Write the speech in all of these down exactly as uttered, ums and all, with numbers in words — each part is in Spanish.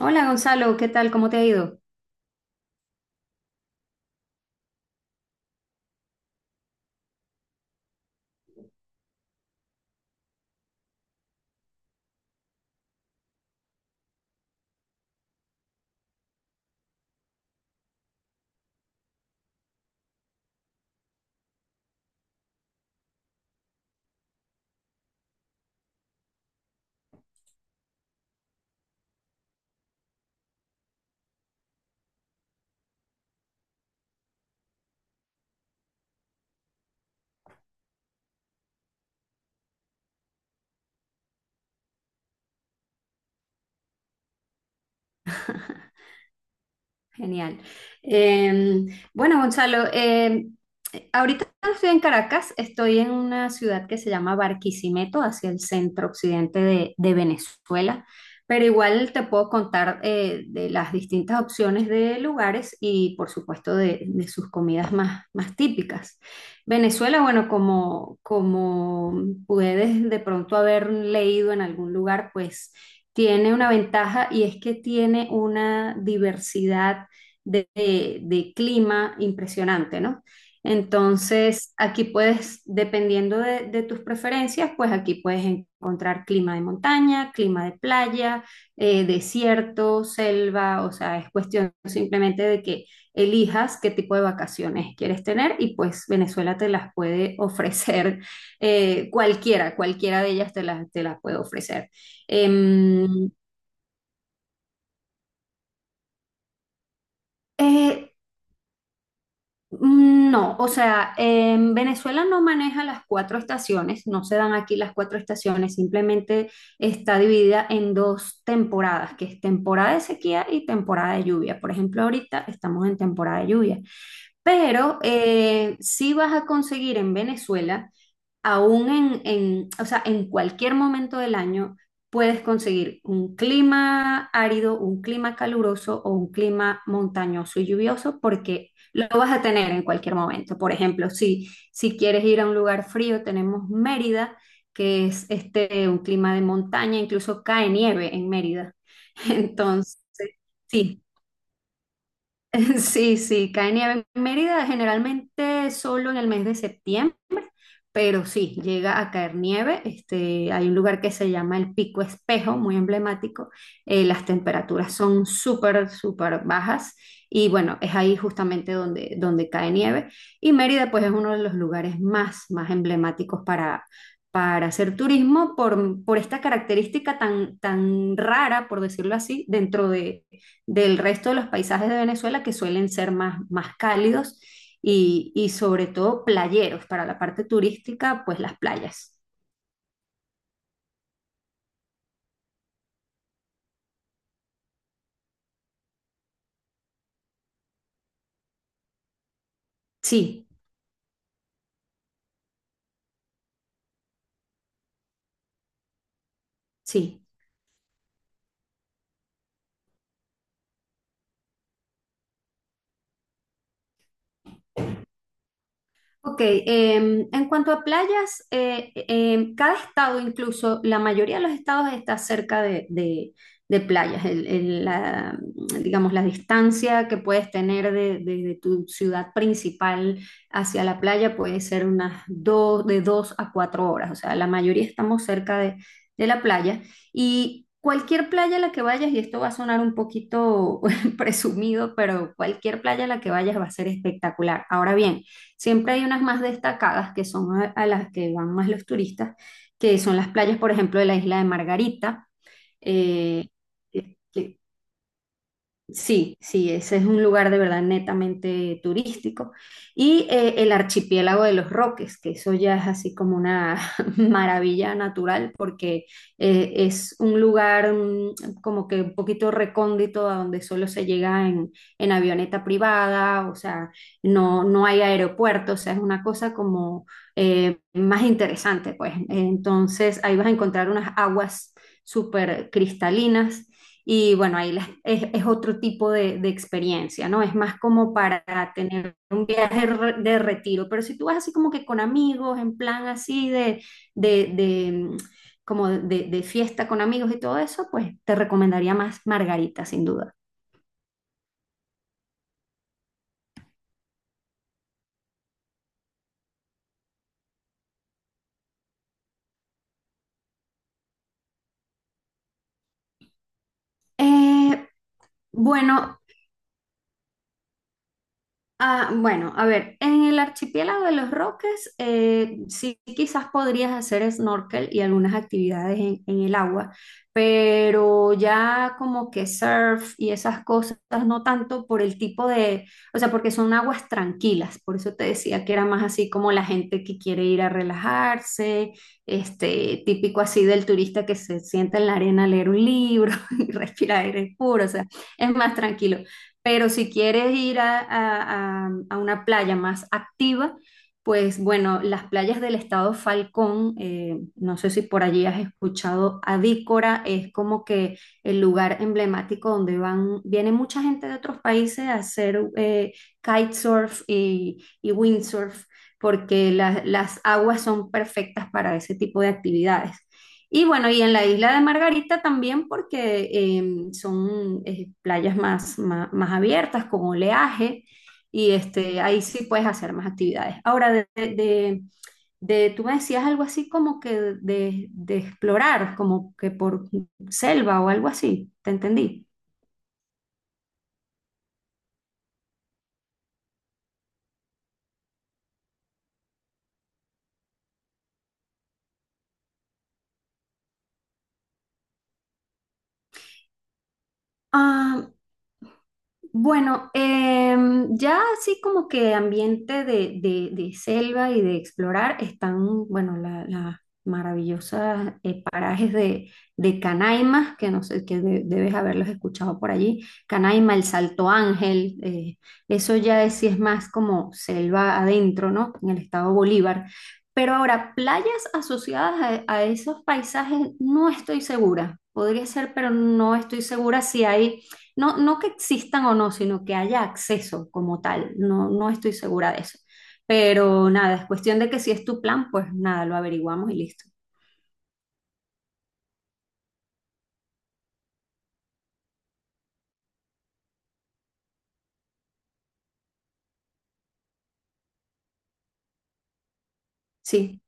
Hola Gonzalo, ¿qué tal? ¿Cómo te ha ido? Genial. Eh, bueno, Gonzalo, eh, ahorita estoy en Caracas, estoy en una ciudad que se llama Barquisimeto, hacia el centro occidente de, de Venezuela, pero igual te puedo contar eh, de las distintas opciones de lugares y por supuesto de, de sus comidas más, más típicas. Venezuela, bueno, como, como puedes de pronto haber leído en algún lugar, pues tiene una ventaja y es que tiene una diversidad de, de- de clima impresionante, ¿no? Entonces, aquí puedes, dependiendo de, de tus preferencias, pues aquí puedes encontrar clima de montaña, clima de playa, eh, desierto, selva, o sea, es cuestión simplemente de que elijas qué tipo de vacaciones quieres tener y pues Venezuela te las puede ofrecer eh, cualquiera, cualquiera de ellas te las te las puede ofrecer. Em, eh, Mm, No, o sea, en Venezuela no maneja las cuatro estaciones, no se dan aquí las cuatro estaciones, simplemente está dividida en dos temporadas, que es temporada de sequía y temporada de lluvia. Por ejemplo, ahorita estamos en temporada de lluvia, pero eh, sí vas a conseguir en Venezuela aún en, en, o sea, en cualquier momento del año puedes conseguir un clima árido, un clima caluroso o un clima montañoso y lluvioso porque lo vas a tener en cualquier momento. Por ejemplo, si, si quieres ir a un lugar frío, tenemos Mérida, que es este, un clima de montaña, incluso cae nieve en Mérida. Entonces, sí, sí, sí, cae nieve en Mérida generalmente solo en el mes de septiembre pero sí, llega a caer nieve. Este, hay un lugar que se llama el Pico Espejo, muy emblemático. Eh, las temperaturas son súper, súper bajas y bueno, es ahí justamente donde, donde cae nieve. Y Mérida pues es uno de los lugares más, más emblemáticos para, para hacer turismo por, por esta característica tan, tan rara, por decirlo así, dentro de, del resto de los paisajes de Venezuela que suelen ser más, más cálidos y, y sobre todo playeros para la parte turística, pues las playas. Sí, sí. Ok, em, en cuanto a playas, eh, em, cada estado, incluso la mayoría de los estados está cerca de, de- de playas. El- el- la, digamos, la distancia que puedes tener de, de- de tu ciudad principal hacia la playa puede ser unas dos, de dos a cuatro horas. O sea, la mayoría estamos cerca de, de la playa. Y cualquier playa a la que vayas, y esto va a sonar un poquito presumido, pero cualquier playa a la que vayas va a ser espectacular. Ahora bien, siempre hay unas más destacadas que son a, a las que van más los turistas, que son las playas, por ejemplo, de la isla de Margarita, eh, que, sí, sí, ese es un lugar de verdad netamente turístico. Y eh, el archipiélago de los Roques, que eso ya es así como una maravilla natural, porque eh, es un lugar mm, como que un poquito recóndito a donde solo se llega en, en avioneta privada, o sea, no, no hay aeropuerto, o sea, es una cosa como eh, más interesante, pues. Entonces ahí vas a encontrar unas aguas súper cristalinas y bueno, ahí las- es, es otro tipo de, de experiencia, ¿no? Es más como para tener un viaje re- de retiro, pero si tú vas así como que con amigos, en plan así de, de, de, mm, como de, de fiesta con amigos y todo eso, pues te recomendaría más Margarita, sin duda. Eh, bueno, Ah, bueno, a ver, en el archipiélago de los Roques, eh, sí quizás podrías hacer snorkel y algunas actividades en, en el agua, pero ya como que surf y esas cosas, no tanto por el tipo de, o sea, porque son aguas tranquilas, por eso te decía que era más así como la gente que quiere ir a relajarse, este, típico así del turista que se sienta en la arena a leer un libro y respirar aire puro, o sea, es más tranquilo. Pero si quieres ir a, a- a- a una playa más activa, pues bueno, las playas del estado Falcón, eh, no sé si por allí has escuchado, Adícora es como que el lugar emblemático donde van, viene mucha gente de otros países a hacer eh, kitesurf y, y windsurf, porque la- las aguas son perfectas para ese tipo de actividades. Y bueno, y en la isla de Margarita también porque em, son eh, playas más, más, más abiertas, con oleaje, y este, ahí sí puedes hacer más actividades. Ahora, de, de, de- tú me decías algo así como que de, de explorar, como que por selva o algo así, ¿te entendí? Bueno, em, ya así como que ambiente de, de- de selva y de explorar están, bueno, la- las maravillosas eh, parajes de, de Canaima, que no sé, que de- debes haberlos escuchado por allí. Canaima, el Salto Ángel, eh, eso ya es, sí es más como selva adentro, ¿no? En el estado Bolívar. Pero ahora, playas asociadas a, a esos paisajes, no estoy segura. Podría ser, pero no estoy segura si hay no, no que existan o no, sino que haya acceso como tal. No, no estoy segura de eso. Pero nada, es cuestión de que si es tu plan, pues nada, lo averiguamos y listo. Sí,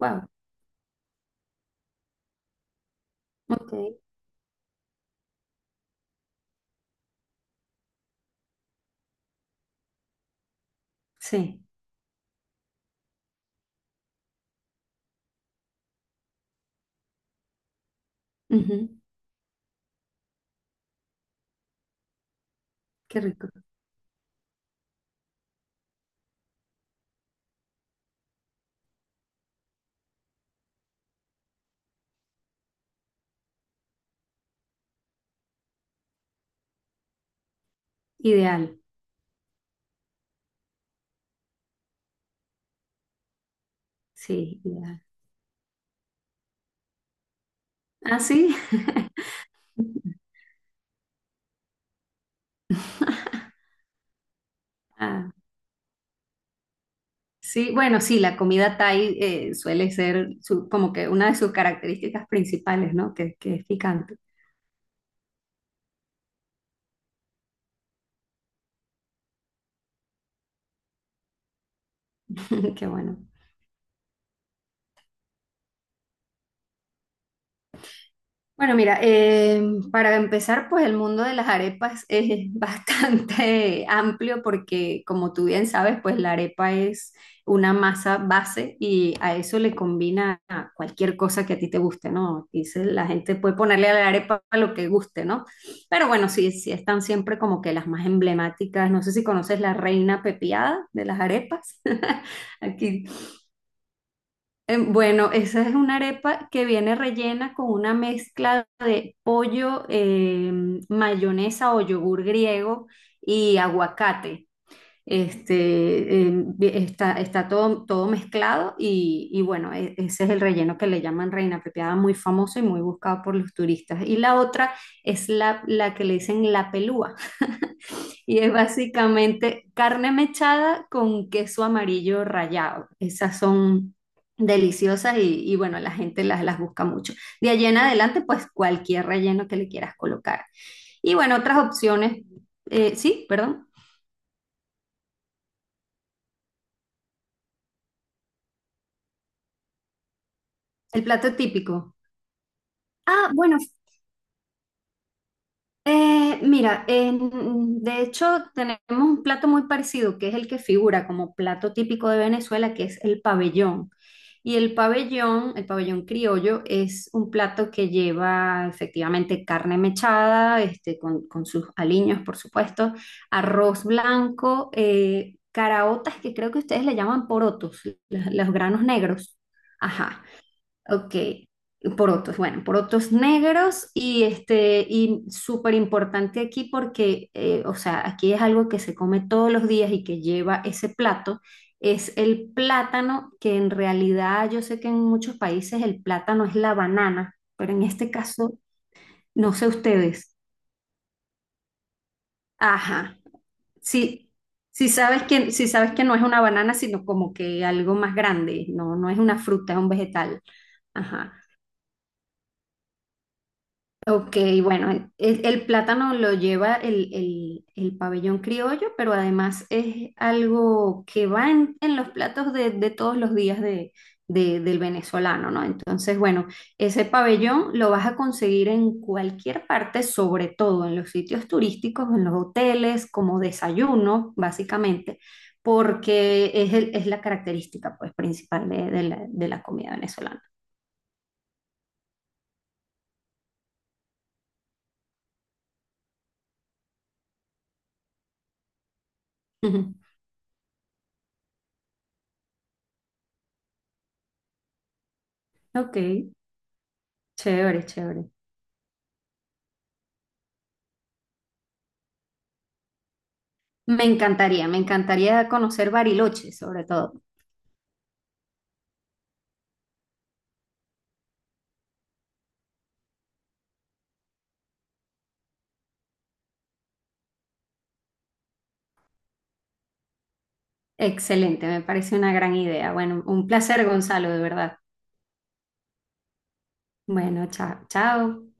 wow, ok, sí, ujú, qué rico. Ideal, sí, ideal. Ah, sí. Ah, sí, bueno, sí, la comida Thai eh, suele ser su- como que una de sus características principales, ¿no? Que, que es picante. Qué bueno. Bueno, mira, eh, para empezar, pues el mundo de las arepas es bastante amplio porque, como tú bien sabes, pues la arepa es una masa base y a eso le combina cualquier cosa que a ti te guste, ¿no? Dice, la gente puede ponerle a la arepa lo que guste, ¿no? Pero bueno, sí, sí están siempre como que las más emblemáticas. No sé si conoces la reina pepiada de las arepas. Aquí Em, bueno, esa es una arepa que viene rellena con una mezcla de pollo, em, mayonesa o yogur griego y aguacate. Este, em, vi- está, está todo, todo mezclado y, y bueno, e- ese es el relleno que le llaman reina pepiada, muy famoso y muy buscado por los turistas. Y la otra es la, la que le dicen la pelúa y es básicamente carne mechada con queso amarillo rallado. Esas son deliciosas y, y bueno, la gente las, las busca mucho. De allí en adelante, pues cualquier relleno que le quieras colocar. Y bueno, otras opciones. eh, sí, perdón. El plato típico. Ah, bueno, Eh, mira, en- de hecho tenemos un plato muy parecido, que es el que figura como plato típico de Venezuela, que es el pabellón. Y el pabellón, el pabellón criollo, es un plato que lleva efectivamente carne mechada, este, con, con sus aliños, por supuesto, arroz blanco, eh, caraotas, que creo que ustedes le llaman porotos, los, los granos negros. Ajá. Ok, porotos, bueno, porotos negros y este, y súper importante aquí porque, eh, o sea, aquí es algo que se come todos los días y que lleva ese plato, es el plátano, que en realidad yo sé que en muchos países el plátano es la banana, pero en este caso, no sé ustedes. Ajá, sí, sí sabes que, sí sabes que no es una banana, sino como que algo más grande, no, no es una fruta, es un vegetal. Ajá. Ok, bueno, el, el plátano lo lleva el, el- el pabellón criollo, pero además es algo que va en, en los platos de, de todos los días de- de- del venezolano, ¿no? Entonces, bueno, ese pabellón lo vas a conseguir en cualquier parte, sobre todo en los sitios turísticos, en los hoteles, como desayuno, básicamente, porque es, el- es la característica, pues, principal de, de la, de la comida venezolana. Ok, chévere, chévere. Me encantaría, me encantaría conocer Bariloche, sobre todo. Excelente, me parece una gran idea. Bueno, un placer, Gonzalo, de verdad. Bueno, chao, chao.